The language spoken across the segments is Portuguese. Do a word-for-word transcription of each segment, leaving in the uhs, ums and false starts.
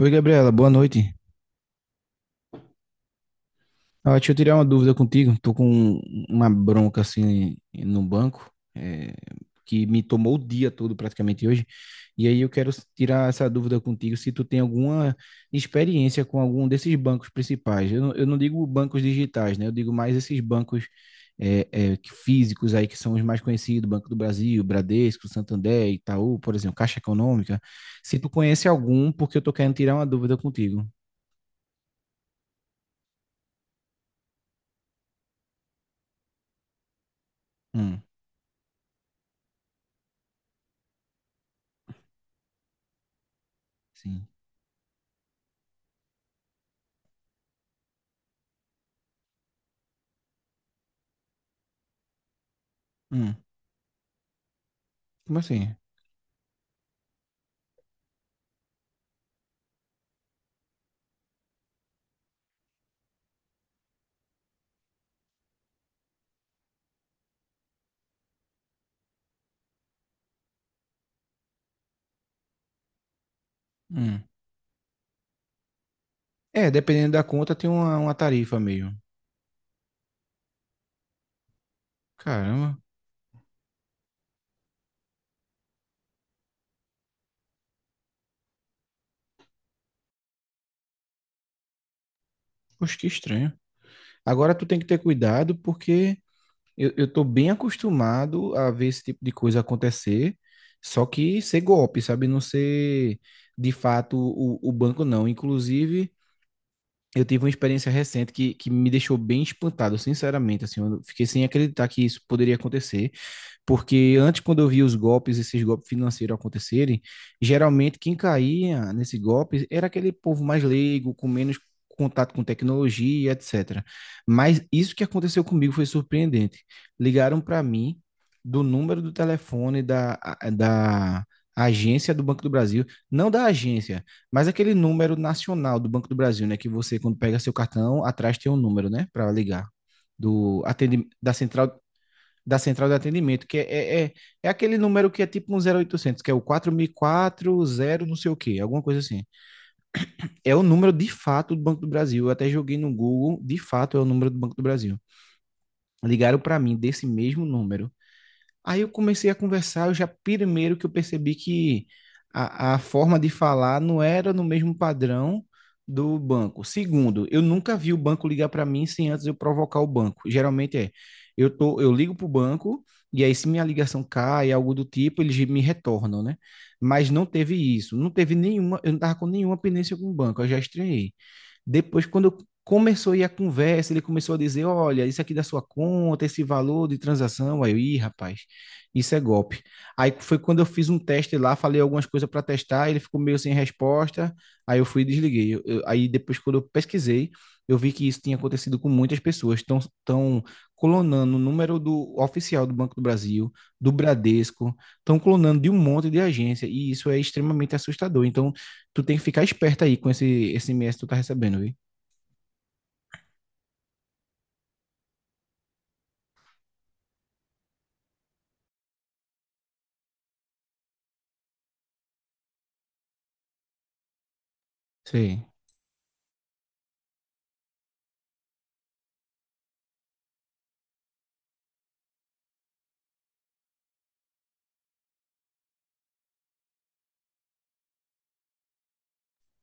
Oi, Gabriela, boa noite. Ah, deixa eu tirar uma dúvida contigo. Tô com uma bronca assim no banco, eh, que me tomou o dia todo praticamente hoje. E aí eu quero tirar essa dúvida contigo se tu tem alguma experiência com algum desses bancos principais. Eu não, eu não digo bancos digitais, né? Eu digo mais esses bancos eh, eh, que- físicos aí que são os mais conhecidos, Banco do Brasil, Bradesco, Santander, Itaú, por exemplo, Caixa Econômica. Se tu conhece algum, porque eu tô querendo tirar uma dúvida contigo. Hum, sim. Hum. Como assim? Hum. É, dependendo da conta, tem uma, uma tarifa meio. Caramba, poxa, que estranho. Agora tu tem que ter cuidado porque eu, eu tô bem acostumado a ver esse tipo de coisa acontecer, só que ser golpe, sabe? Não ser de fato o, o banco, não. Inclusive, eu tive uma experiência recente que, que me deixou bem espantado, sinceramente, assim, eu fiquei sem acreditar que isso poderia acontecer. Porque antes, quando eu via os golpes, esses golpes financeiros acontecerem, geralmente quem caía nesse golpe era aquele povo mais leigo, com menos contato com tecnologia, etcétera. Mas isso que aconteceu comigo foi surpreendente. Ligaram para mim do número do telefone da, da agência do Banco do Brasil, não da agência, mas aquele número nacional do Banco do Brasil, né? Que você, quando pega seu cartão, atrás tem um número, né? Para ligar. Do, atendi, da central da central de atendimento, que é, é, é é aquele número que é tipo um zero oitocentos que é o quatro zero quatro zero não sei o quê, alguma coisa assim. É o número de fato do Banco do Brasil. Eu até joguei no Google, de fato é o número do Banco do Brasil. Ligaram para mim desse mesmo número. Aí eu comecei a conversar, eu já primeiro que eu percebi que a, a forma de falar não era no mesmo padrão do banco. Segundo, eu nunca vi o banco ligar para mim sem antes eu provocar o banco. Geralmente é, eu tô, eu ligo para o banco e aí se minha ligação cai, algo do tipo, eles me retornam, né? Mas não teve isso, não teve nenhuma, eu não tava com nenhuma pendência com o banco, eu já estranhei. Depois, quando começou a ir a conversa, ele começou a dizer: Olha, isso aqui da sua conta, esse valor de transação. Aí eu, ih, rapaz, isso é golpe. Aí foi quando eu fiz um teste lá, falei algumas coisas para testar, ele ficou meio sem resposta. Aí eu fui e desliguei. Eu- eu- aí depois, quando eu pesquisei, eu vi que isso tinha acontecido com muitas pessoas. Estão estão tão clonando o número do oficial do Banco do Brasil, do Bradesco, estão clonando de um monte de agência, e isso é extremamente assustador. Então, tu tem que ficar esperto aí com esse, esse S M S que tu tá recebendo, viu? Sim,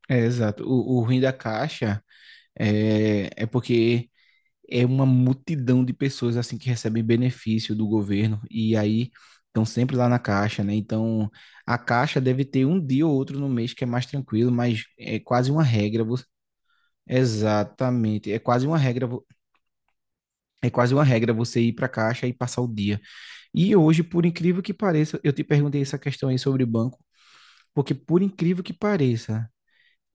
é exato. O, o ruim da caixa é, é porque é uma multidão de pessoas assim que recebem benefício do governo e aí estão sempre lá na caixa, né? Então a caixa deve ter um dia ou outro no mês que é mais tranquilo, mas é quase uma regra. vo- Exatamente, é quase uma regra, vo- é quase uma regra você ir para a caixa e passar o dia. E hoje, por incrível que pareça, eu te perguntei essa questão aí sobre banco, porque por incrível que pareça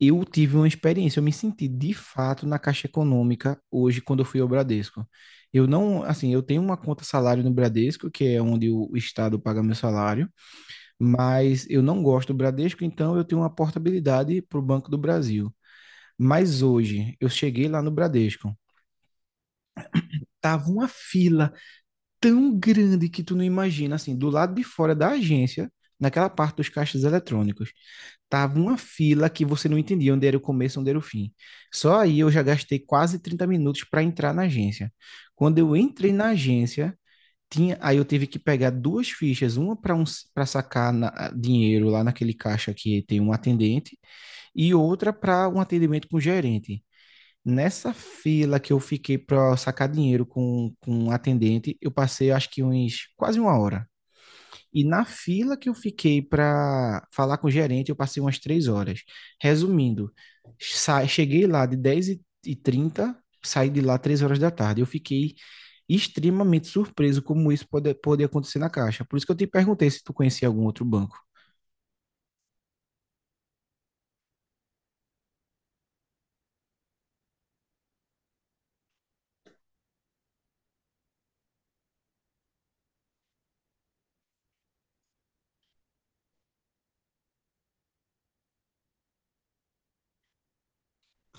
eu tive uma experiência, eu me senti de fato na Caixa Econômica hoje quando eu fui ao Bradesco. Eu não, assim, eu tenho uma conta salário no Bradesco, que é onde o Estado paga meu salário, mas eu não gosto do Bradesco, então eu tenho uma portabilidade para o Banco do Brasil. Mas hoje eu cheguei lá no Bradesco, tava uma fila tão grande que tu não imagina, assim, do lado de fora da agência, naquela parte dos caixas eletrônicos. Tava uma fila que você não entendia onde era o começo, onde era o fim. Só aí eu já gastei quase trinta minutos para entrar na agência. Quando eu entrei na agência, tinha, aí eu tive que pegar duas fichas, uma para um, para sacar na- dinheiro lá naquele caixa que tem um atendente e outra para um atendimento com o gerente. Nessa fila que eu fiquei para sacar dinheiro com, com um atendente, eu passei acho que uns quase uma hora. E na fila que eu fiquei para falar com o gerente, eu passei umas três horas. Resumindo, sa- cheguei lá de dez e trinta, saí de lá três horas da tarde. Eu fiquei extremamente surpreso como isso pode, pode acontecer na Caixa. Por isso que eu te perguntei se tu conhecia algum outro banco.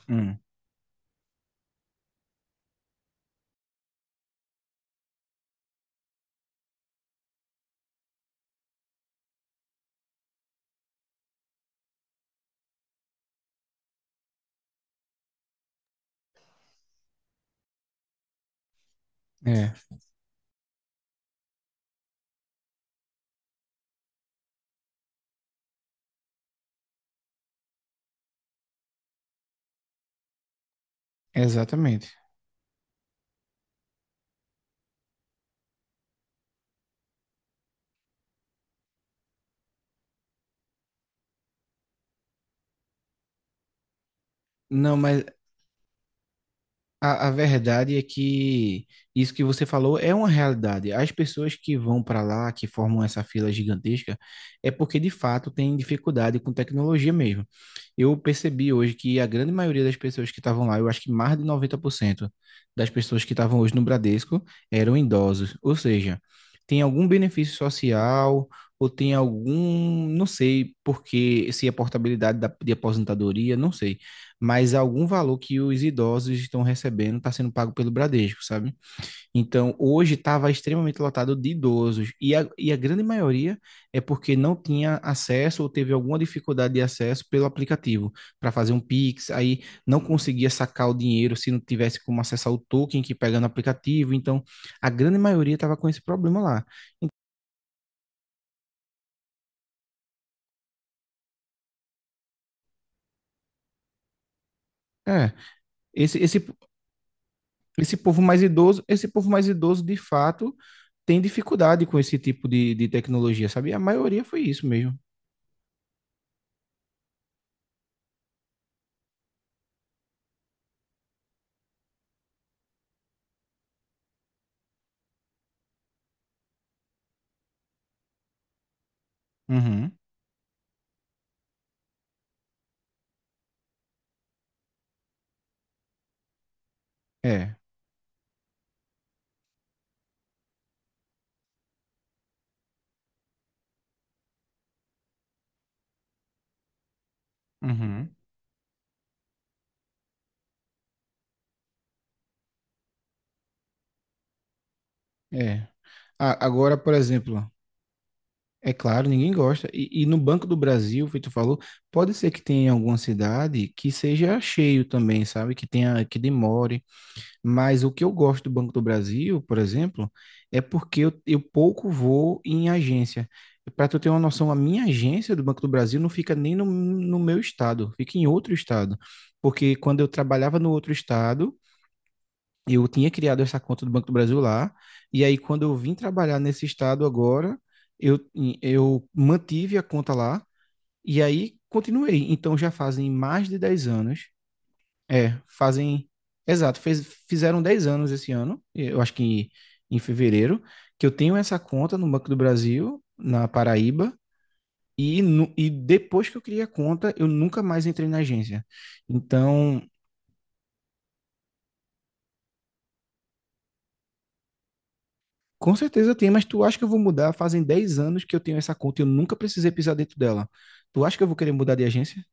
Hum, é, exatamente. Não, mas A, a verdade é que isso que você falou é uma realidade. As pessoas que vão para lá, que formam essa fila gigantesca, é porque de fato tem dificuldade com tecnologia mesmo. Eu percebi hoje que a grande maioria das pessoas que estavam lá, eu acho que mais de noventa por cento das pessoas que estavam hoje no Bradesco eram idosos. Ou seja, tem algum benefício social ou tem algum, não sei porque, se é portabilidade da, de aposentadoria, não sei mas algum valor que os idosos estão recebendo está sendo pago pelo Bradesco, sabe? Então, hoje estava extremamente lotado de idosos e a, e a grande maioria é porque não tinha acesso ou teve alguma dificuldade de acesso pelo aplicativo para fazer um Pix, aí não conseguia sacar o dinheiro se não tivesse como acessar o token que pega no aplicativo. Então, a grande maioria estava com esse problema lá. É, esse, esse, esse povo mais idoso, esse povo mais idoso, de fato, tem dificuldade com esse tipo de, de tecnologia, sabe? A maioria foi isso mesmo. Uhum, é, uhum. É. A- agora, por exemplo, é claro, ninguém gosta. E, e no Banco do Brasil, o feito tu falou, pode ser que tenha alguma cidade que seja cheio também, sabe? Que tenha, que demore. Mas o que eu gosto do Banco do Brasil, por exemplo, é porque eu, eu pouco vou em agência. Para tu ter uma noção, a minha agência do Banco do Brasil não fica nem no, no meu estado, fica em outro estado. Porque quando eu trabalhava no outro estado, eu tinha criado essa conta do Banco do Brasil lá, e aí quando eu vim trabalhar nesse estado agora, eu, eu mantive a conta lá, e aí continuei. Então já fazem mais de dez anos, é, fazem. Exato, fez- fizeram dez anos esse ano, eu acho que em fevereiro, que eu tenho essa conta no Banco do Brasil, na Paraíba, e, nu- e depois que eu criei a conta, eu nunca mais entrei na agência. Então, com certeza tem, mas tu acha que eu vou mudar? Fazem dez anos que eu tenho essa conta e eu nunca precisei pisar dentro dela. Tu acha que eu vou querer mudar de agência?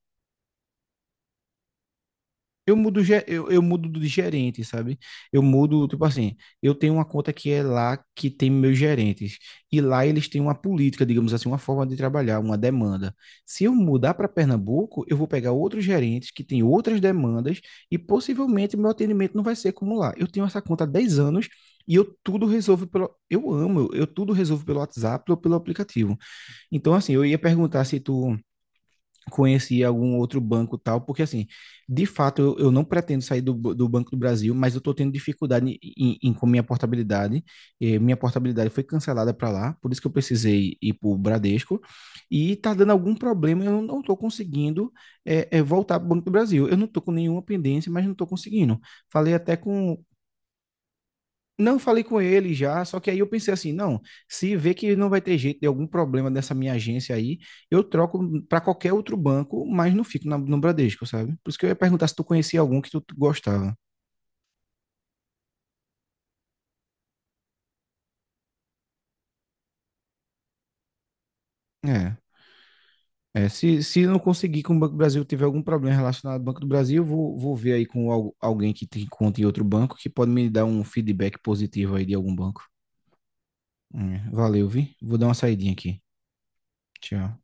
Eu mudo, ge- eu, eu mudo de gerente, sabe? Eu mudo, tipo assim, eu tenho uma conta que é lá que tem meus gerentes. E lá eles têm uma política, digamos assim, uma forma de trabalhar, uma demanda. Se eu mudar para Pernambuco, eu vou pegar outros gerentes que têm outras demandas e possivelmente meu atendimento não vai ser como lá. Eu tenho essa conta há dez anos e eu tudo resolvo pelo. Eu amo, eu, eu tudo resolvo pelo WhatsApp ou pelo aplicativo. Então, assim, eu ia perguntar se tu conhecia algum outro banco tal, porque assim, de fato, eu, eu não pretendo sair do, do Banco do Brasil, mas eu estou tendo dificuldade em, em- com minha portabilidade. Eh, minha portabilidade foi cancelada para lá, por isso que eu precisei ir para o Bradesco, e está dando algum problema, eu não estou conseguindo eh, eh, voltar para o Banco do Brasil. Eu não estou com nenhuma pendência, mas não estou conseguindo. Falei até com, não falei com ele já, só que aí eu pensei assim, não, se vê que não vai ter jeito de algum problema dessa minha agência aí, eu troco para qualquer outro banco, mas não fico na, no Bradesco, sabe? Por isso que eu ia perguntar se tu conhecia algum que tu gostava. É, é se, se não conseguir com o Banco do Brasil tiver algum problema relacionado ao Banco do Brasil, eu vou, vou ver aí com al- alguém que tem conta em outro banco que pode me dar um feedback positivo aí de algum banco. É, valeu, vi? Vou dar uma saidinha aqui. Tchau.